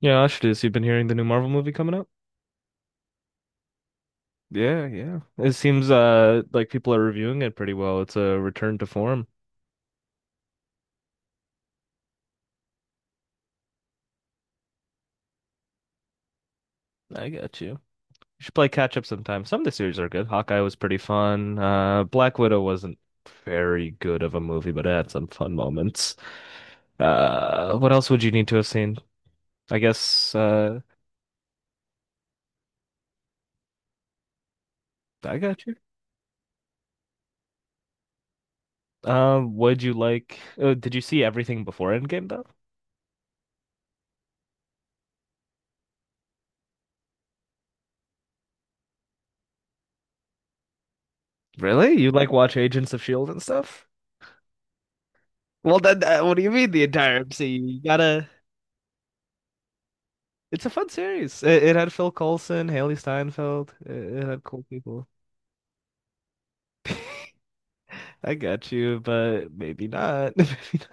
Yeah, I should have you've been hearing the new Marvel movie coming up. Yeah, yeah. It seems like people are reviewing it pretty well. It's a return to form. I got you. You should play catch up sometime. Some of the series are good. Hawkeye was pretty fun. Black Widow wasn't very good of a movie, but it had some fun moments. What else would you need to have seen? I guess uh I got you. Would you did you see everything before Endgame though? Really? You like watch Agents of Shield and stuff? Well, then, what do you mean the entire MCU? You gotta. It's a fun series. It had Phil Coulson, Haley Steinfeld. It had cool people. I got you, but maybe not. Maybe not.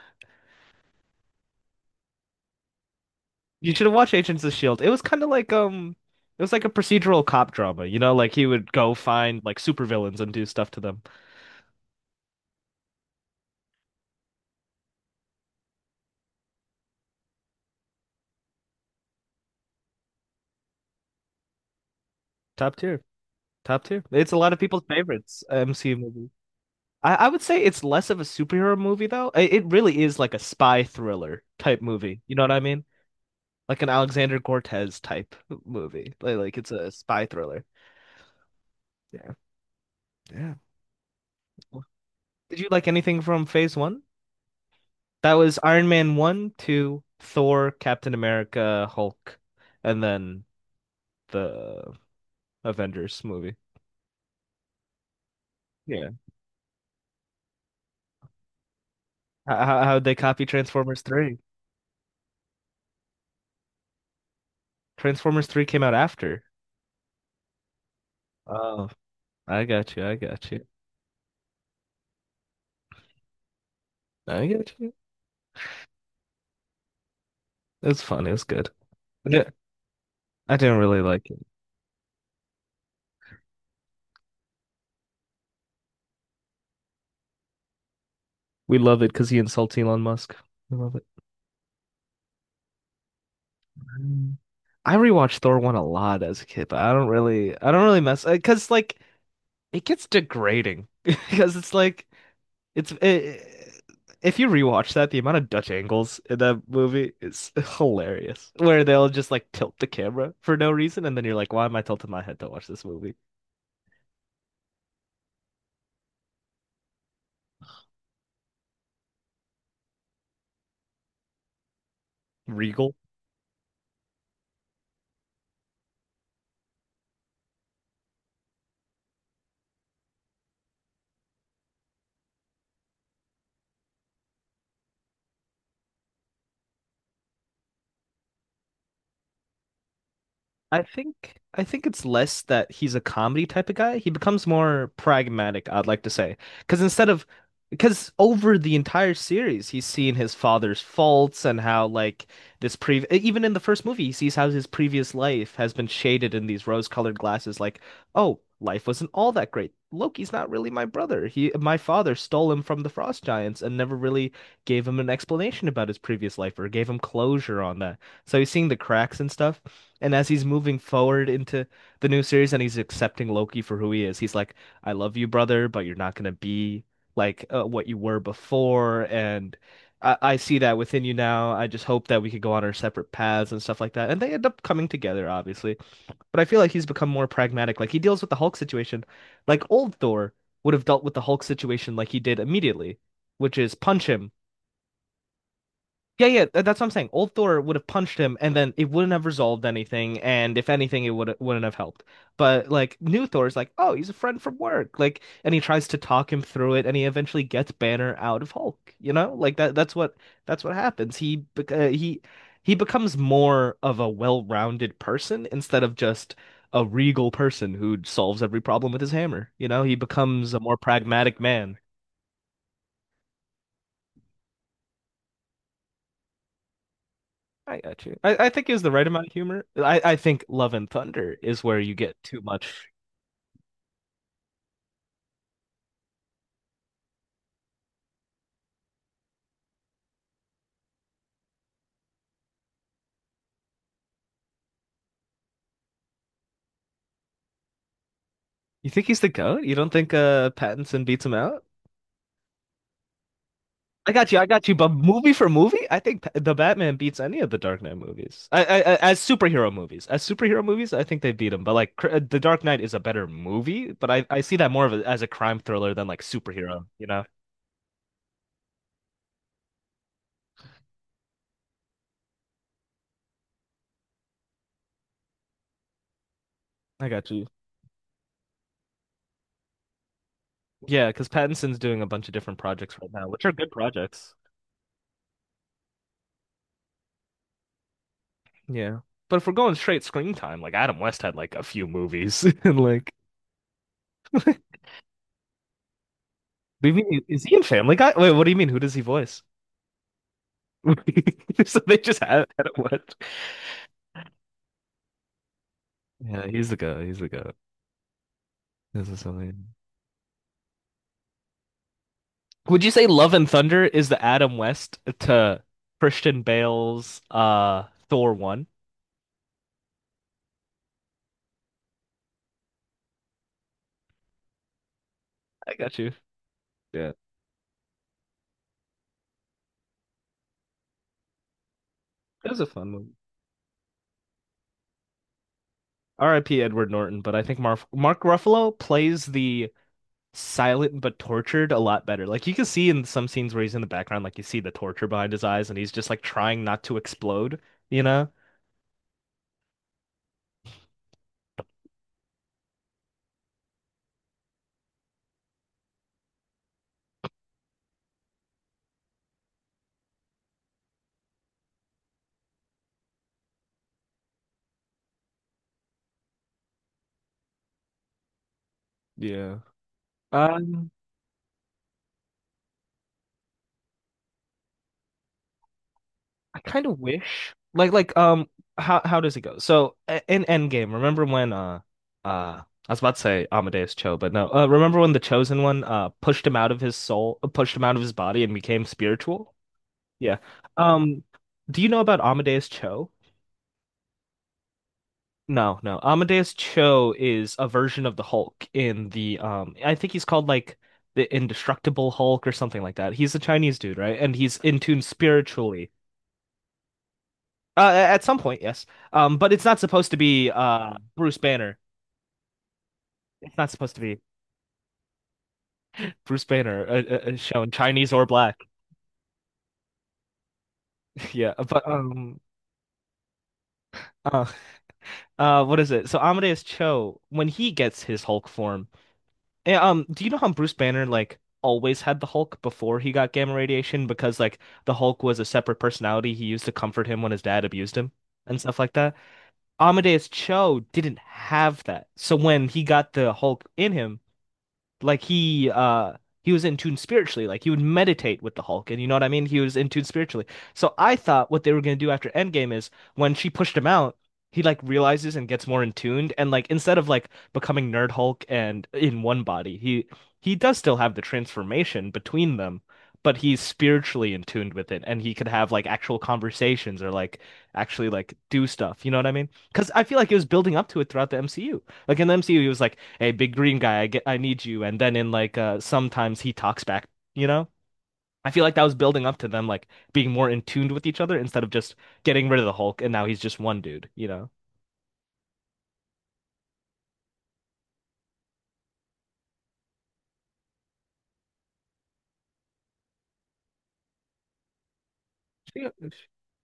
You should have watched Agents of Shield. It was kind of like it was like a procedural cop drama. You know, like he would go find like supervillains and do stuff to them. Top tier, top tier. It's a lot of people's favorites MCU movie. I would say it's less of a superhero movie though. It really is like a spy thriller type movie. You know what I mean? Like an Alexander Cortez type movie. Like it's a spy thriller. Yeah. Yeah. Did you like anything from Phase One? That was Iron Man one, two, Thor, Captain America, Hulk, and then the Avengers movie. Yeah. How how'd they copy Transformers three? Transformers three came out after. Oh, I got you. I got you. I got you. It was fun. It was good. I did I didn't really like it. We love it because he insults Elon Musk. We love it. Mm. I rewatched Thor 1 a lot as a kid, but I don't really mess because like it gets degrading because it's like it's it, if you rewatch that the amount of Dutch angles in that movie is hilarious where they'll just like tilt the camera for no reason and then you're like why am I tilting my head to watch this movie? Regal. I think it's less that he's a comedy type of guy. He becomes more pragmatic, I'd like to say. Because instead of Because over the entire series, he's seen his father's faults and how like this pre even in the first movie, he sees how his previous life has been shaded in these rose-colored glasses like, "Oh, life wasn't all that great. Loki's not really my brother. He My father stole him from the Frost Giants and never really gave him an explanation about his previous life or gave him closure on that." So he's seeing the cracks and stuff. And as he's moving forward into the new series and he's accepting Loki for who he is, he's like, I love you, brother, but you're not going to be like what you were before. And I see that within you now. I just hope that we could go on our separate paths and stuff like that. And they end up coming together, obviously. But I feel like he's become more pragmatic. Like he deals with the Hulk situation. Like old Thor would have dealt with the Hulk situation like he did immediately, which is punch him. Yeah, yeah, that's what I'm saying. Old Thor would have punched him, and then it wouldn't have resolved anything. And if anything, it would wouldn't have helped. But like new Thor is like, oh, he's a friend from work. Like, and he tries to talk him through it, and he eventually gets Banner out of Hulk. You know, like that. That's what happens. He becomes more of a well-rounded person instead of just a regal person who solves every problem with his hammer. You know, he becomes a more pragmatic man. I got you. I think he has the right amount of humor. I think Love and Thunder is where you get too much. You think he's the GOAT? You don't think Pattinson beats him out? I got you. I got you. But movie for movie, I think the Batman beats any of the Dark Knight movies. I as superhero movies, I think they beat him. But like the Dark Knight is a better movie. But I see that more of a, as a crime thriller than like superhero. You know? I got you. Yeah, because Pattinson's doing a bunch of different projects right now, which are good projects. Yeah. But if we're going straight screen time, like Adam West had like a few movies and like what do you mean is he in Family Guy? Wait, what do you mean? Who does he voice? So they just had Adam West. Yeah, he's the guy. He's the guy. This is something. Would you say Love and Thunder is the Adam West to Christian Bale's Thor one? I got you. Yeah. That was a fun one. R.I.P. Edward Norton, but I think Mark Ruffalo plays the silent but tortured a lot better. Like you can see in some scenes where he's in the background, like you see the torture behind his eyes and he's just like trying not to explode, you know? Yeah. Um, I kind of wish how does it go? So in Endgame, remember when uh I was about to say Amadeus Cho, but no. Remember when the Chosen One pushed him out of his soul, pushed him out of his body and became spiritual? Yeah. Um, do you know about Amadeus Cho? No, no. Amadeus Cho is a version of the Hulk in the I think he's called like the Indestructible Hulk or something like that. He's a Chinese dude, right? And he's in tune spiritually. At some point, yes. Um, but it's not supposed to be Bruce Banner. It's not supposed to be Bruce Banner shown Chinese or black. Yeah, but uh what is it? So Amadeus Cho when he gets his Hulk form. And, do you know how Bruce Banner like always had the Hulk before he got gamma radiation because like the Hulk was a separate personality he used to comfort him when his dad abused him and stuff like that? Amadeus Cho didn't have that. So when he got the Hulk in him, like he was in tune spiritually like he would meditate with the Hulk and you know what I mean he was in tune spiritually so I thought what they were gonna do after Endgame is when she pushed him out he like realizes and gets more in tuned and like instead of like becoming Nerd Hulk and in one body he does still have the transformation between them but he's spiritually in tuned with it and he could have like actual conversations or like actually like do stuff you know what I mean because I feel like it was building up to it throughout the MCU like in the MCU, he was like, "Hey, big green guy, I get, I need you." And then in like sometimes he talks back. You know, I feel like that was building up to them like being more in tune with each other instead of just getting rid of the Hulk and now he's just one dude. You know, She,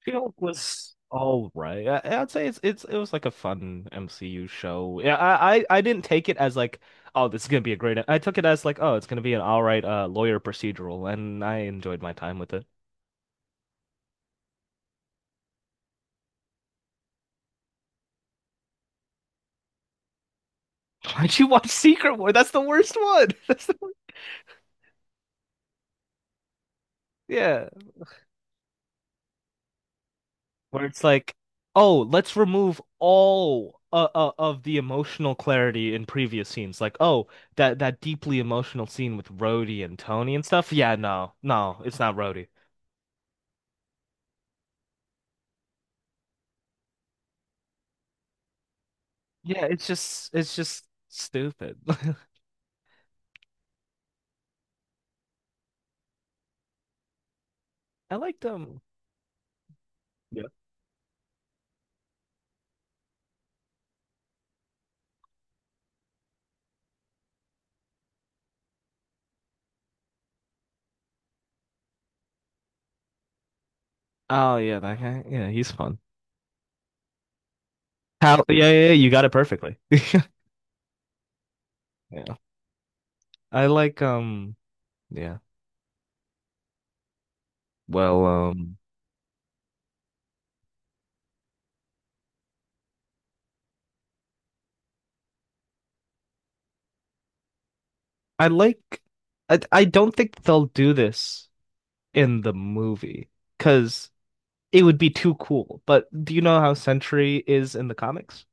She-Hulk was all right. I'd say it was like a fun MCU show. Yeah, I didn't take it as like, oh, this is gonna be a great. I took it as like, oh, it's gonna be an all right lawyer procedural, and I enjoyed my time with it. Why'd you watch Secret War? That's the worst one. That's the, yeah. Where it's like, oh, let's remove all of the emotional clarity in previous scenes. Like, oh, that deeply emotional scene with Rhodey and Tony and stuff. Yeah, no, no, it's not Rhodey. Yeah, it's just stupid. I liked. Yeah. Oh yeah, that guy. Yeah, he's fun. How? Yeah, yeah, yeah, you got it perfectly. Yeah, I like. Yeah. Well, I like. I don't think they'll do this in the movie because it would be too cool. But do you know how Sentry is in the comics?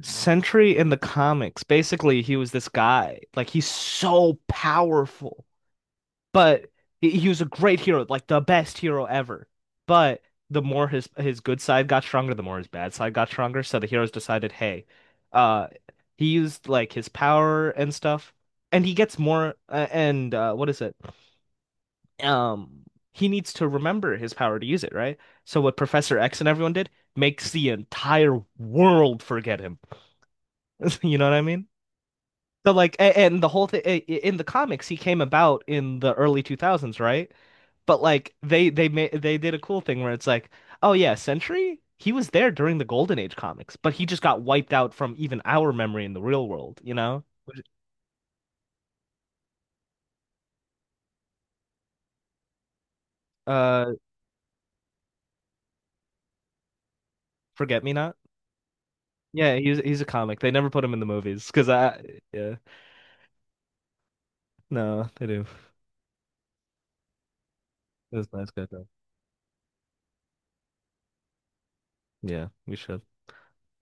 Sentry in the comics, basically, he was this guy. Like, he's so powerful, but he was a great hero, like the best hero ever. But the more his good side got stronger, the more his bad side got stronger. So the heroes decided, hey, uh, he used like his power and stuff, and he gets more. And what is it? um he needs to remember his power to use it, right? So what Professor X and everyone did makes the entire world forget him. You know what I mean? So like and the whole thing in the comics he came about in the early 2000s, right? But like they did a cool thing where it's like, "Oh yeah, Sentry, he was there during the Golden Age comics, but he just got wiped out from even our memory in the real world, you know?" Which- Uh, Forget Me Not? Yeah, he's a comic. They never put him in the movies because I yeah. No, I do. It was nice catching up. Yeah, we should.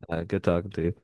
Good talking to you.